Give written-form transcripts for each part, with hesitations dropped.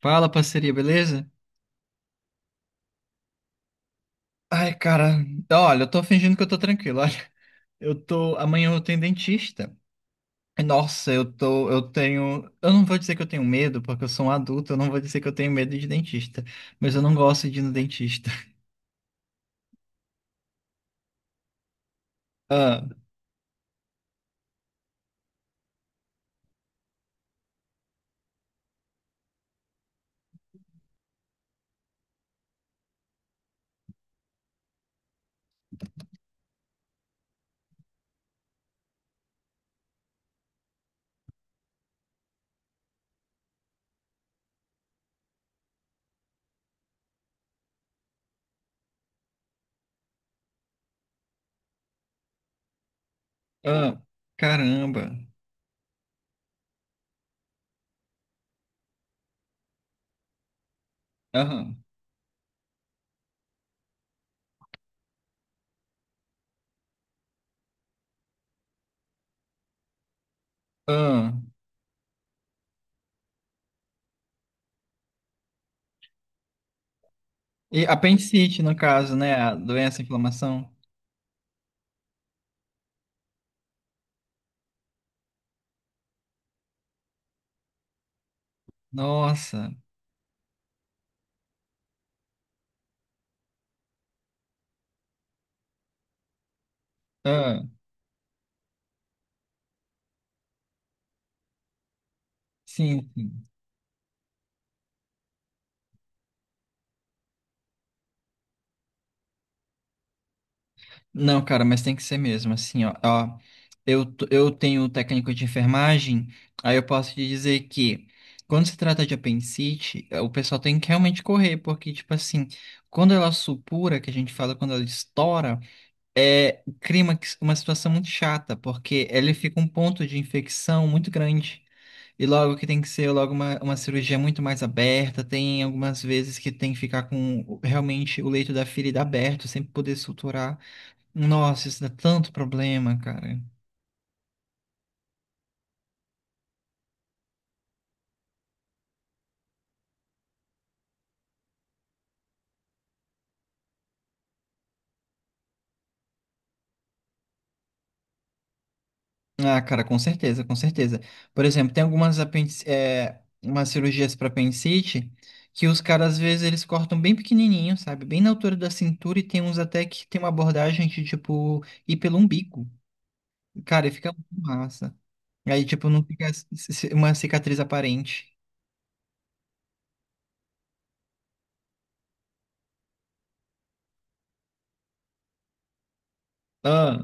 Fala, parceria, beleza? Ai, cara, olha, eu tô fingindo que eu tô tranquilo, olha. Eu tô, amanhã eu tenho dentista. Nossa, eu tô, eu tenho, eu não vou dizer que eu tenho medo, porque eu sou um adulto, eu não vou dizer que eu tenho medo de dentista, mas eu não gosto de ir no dentista. Ah, ah, caramba. Aham. Ah. E apendicite, no caso, né? A doença, a inflamação. Nossa. Ah, sim, sim. Não, cara, mas tem que ser mesmo, assim, ó. Ó, eu tenho técnico de enfermagem, aí eu posso te dizer que quando se trata de apendicite, o pessoal tem que realmente correr, porque, tipo assim, quando ela supura, que a gente fala quando ela estoura, é clímax, uma situação muito chata, porque ele fica um ponto de infecção muito grande. E logo que tem que ser logo uma cirurgia muito mais aberta, tem algumas vezes que tem que ficar com realmente o leito da ferida aberto, sempre poder suturar. Nossa, isso dá tanto problema, cara. Ah, cara, com certeza, com certeza. Por exemplo, tem algumas umas cirurgias para apendicite que os caras, às vezes, eles cortam bem pequenininho, sabe? Bem na altura da cintura e tem uns até que tem uma abordagem de, tipo, ir pelo umbigo. Cara, e fica muito massa. Aí, tipo, não fica uma cicatriz aparente. Ah,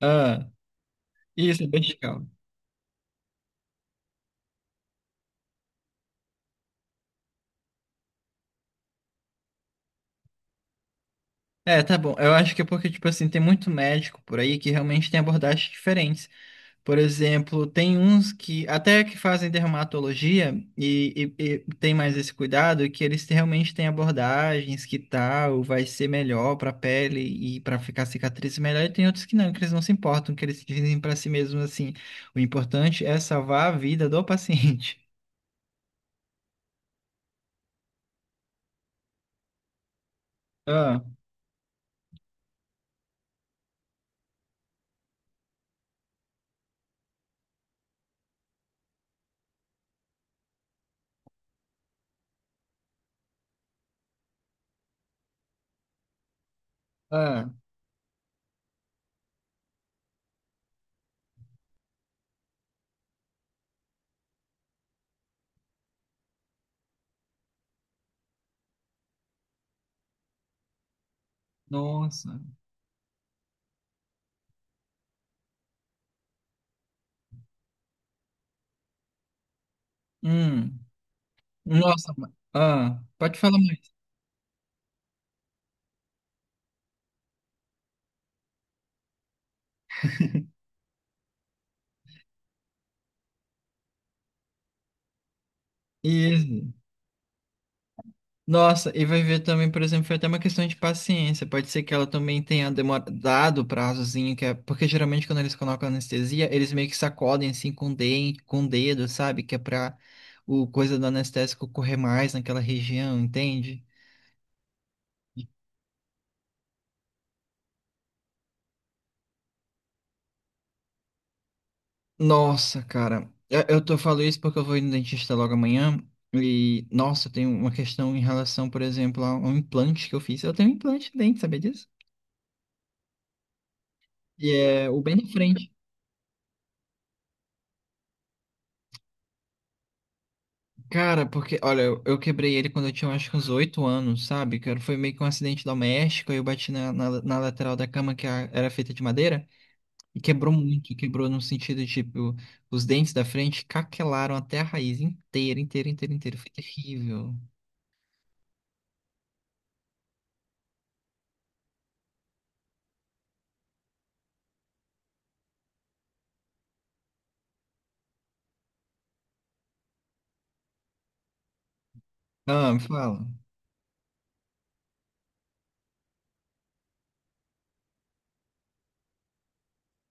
ah, isso é bem legal. É, tá bom. Eu acho que é porque, tipo assim, tem muito médico por aí que realmente tem abordagens diferentes. Por exemplo, tem uns que até que fazem dermatologia e tem mais esse cuidado, que eles realmente têm abordagens que tal vai ser melhor para a pele e para ficar cicatriz melhor. E tem outros que não, que eles não se importam, que eles dizem para si mesmos assim: o importante é salvar a vida do paciente. Ah, ah, nossa. Hum, nossa. Ah, pode falar mais. Isso. Nossa, e vai ver também, por exemplo, foi até uma questão de paciência. Pode ser que ela também tenha demorado, dado o prazozinho, que é, porque geralmente quando eles colocam anestesia, eles meio que sacodem assim com o dente, com o dedo, sabe? Que é pra o coisa do anestésico correr mais naquela região, entende? Nossa, cara, eu tô falando isso porque eu vou ir no dentista logo amanhã e, nossa, tem uma questão em relação, por exemplo, a um implante que eu fiz. Eu tenho um implante de dente, sabia disso? E é o bem de frente. Cara, porque, olha, eu quebrei ele quando eu tinha eu acho que uns 8 anos, sabe? Foi meio que um acidente doméstico, aí eu bati na lateral da cama que era feita de madeira e quebrou muito, quebrou no sentido de, tipo, os dentes da frente caquelaram até a raiz inteira, inteira, inteira, inteira. Foi terrível. Ah, me fala.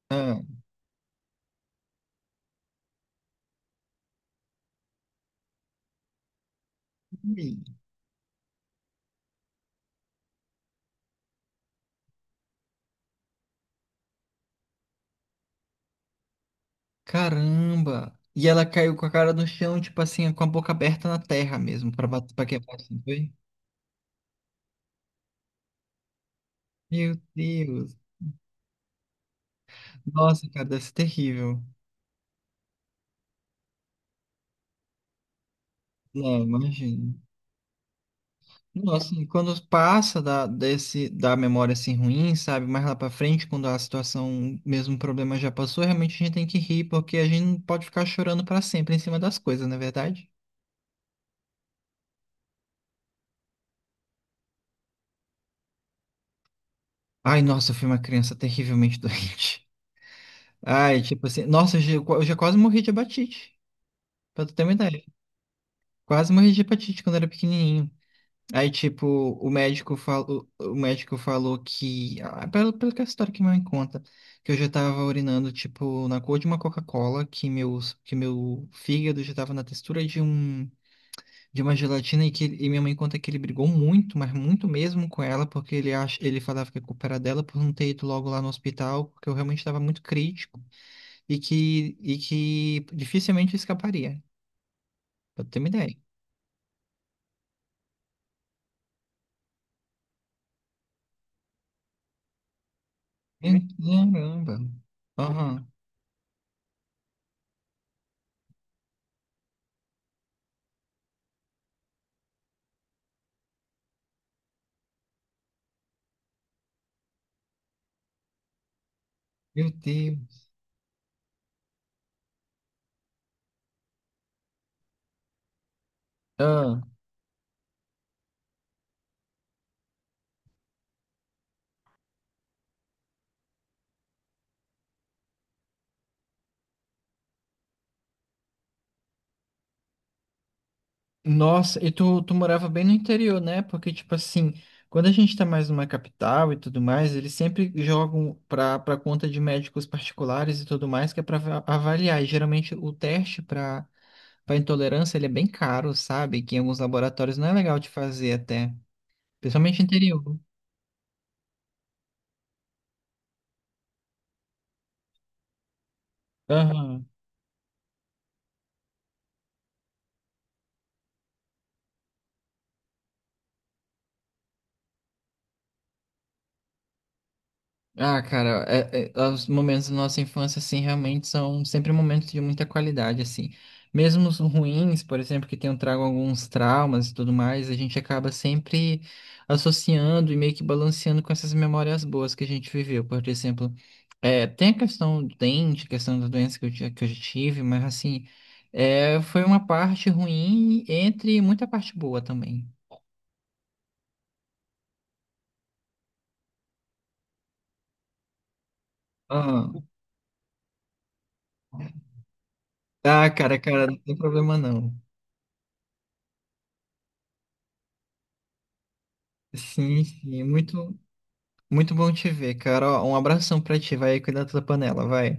Ah, ih, caramba! E ela caiu com a cara no chão, tipo assim, com a boca aberta na terra mesmo, pra, pra quebrar assim, foi? Meu Deus! Nossa, cara, deve ser terrível. Não, imagino. Nossa, e quando passa da memória assim ruim, sabe? Mais lá pra frente, quando a situação, mesmo o problema já passou, realmente a gente tem que rir, porque a gente não pode ficar chorando pra sempre em cima das coisas, não é verdade? Ai, nossa, eu fui uma criança terrivelmente doente. Ai, tipo assim, nossa, eu já quase morri de hepatite, pra tu ter uma ideia. Quase morri de hepatite quando era pequenininho. Aí, tipo, o médico falou que, ah, pelo que é a história que minha mãe conta, que eu já tava urinando, tipo, na cor de uma Coca-Cola, que meu fígado já tava na textura de de uma gelatina, e minha mãe conta que ele brigou muito, mas muito mesmo com ela, porque ele acha, ele falava que a culpa era dela por não ter ido logo lá no hospital, porque eu realmente estava muito crítico, e que dificilmente eu escaparia, pra ter uma ideia. Caramba. Aham, meu Deus. Ah. Nossa, e tu morava bem no interior, né? Porque, tipo assim, quando a gente tá mais numa capital e tudo mais, eles sempre jogam pra conta de médicos particulares e tudo mais, que é pra avaliar. E geralmente o teste pra, pra intolerância, ele é bem caro, sabe? Que em alguns laboratórios não é legal de fazer até. Principalmente interior. Aham. Ah, cara, os momentos da nossa infância, assim, realmente são sempre momentos de muita qualidade, assim. Mesmo os ruins, por exemplo, que tenham trago alguns traumas e tudo mais, a gente acaba sempre associando e meio que balanceando com essas memórias boas que a gente viveu. Por exemplo, é, tem a questão do dente, a questão da doença que que eu tive, mas, assim, é, foi uma parte ruim entre muita parte boa também. Ah, ah, cara, cara, não tem problema não. Sim, sim, muito. Muito bom te ver, cara. Ó, um abração pra ti, vai cuidar da tua panela, vai.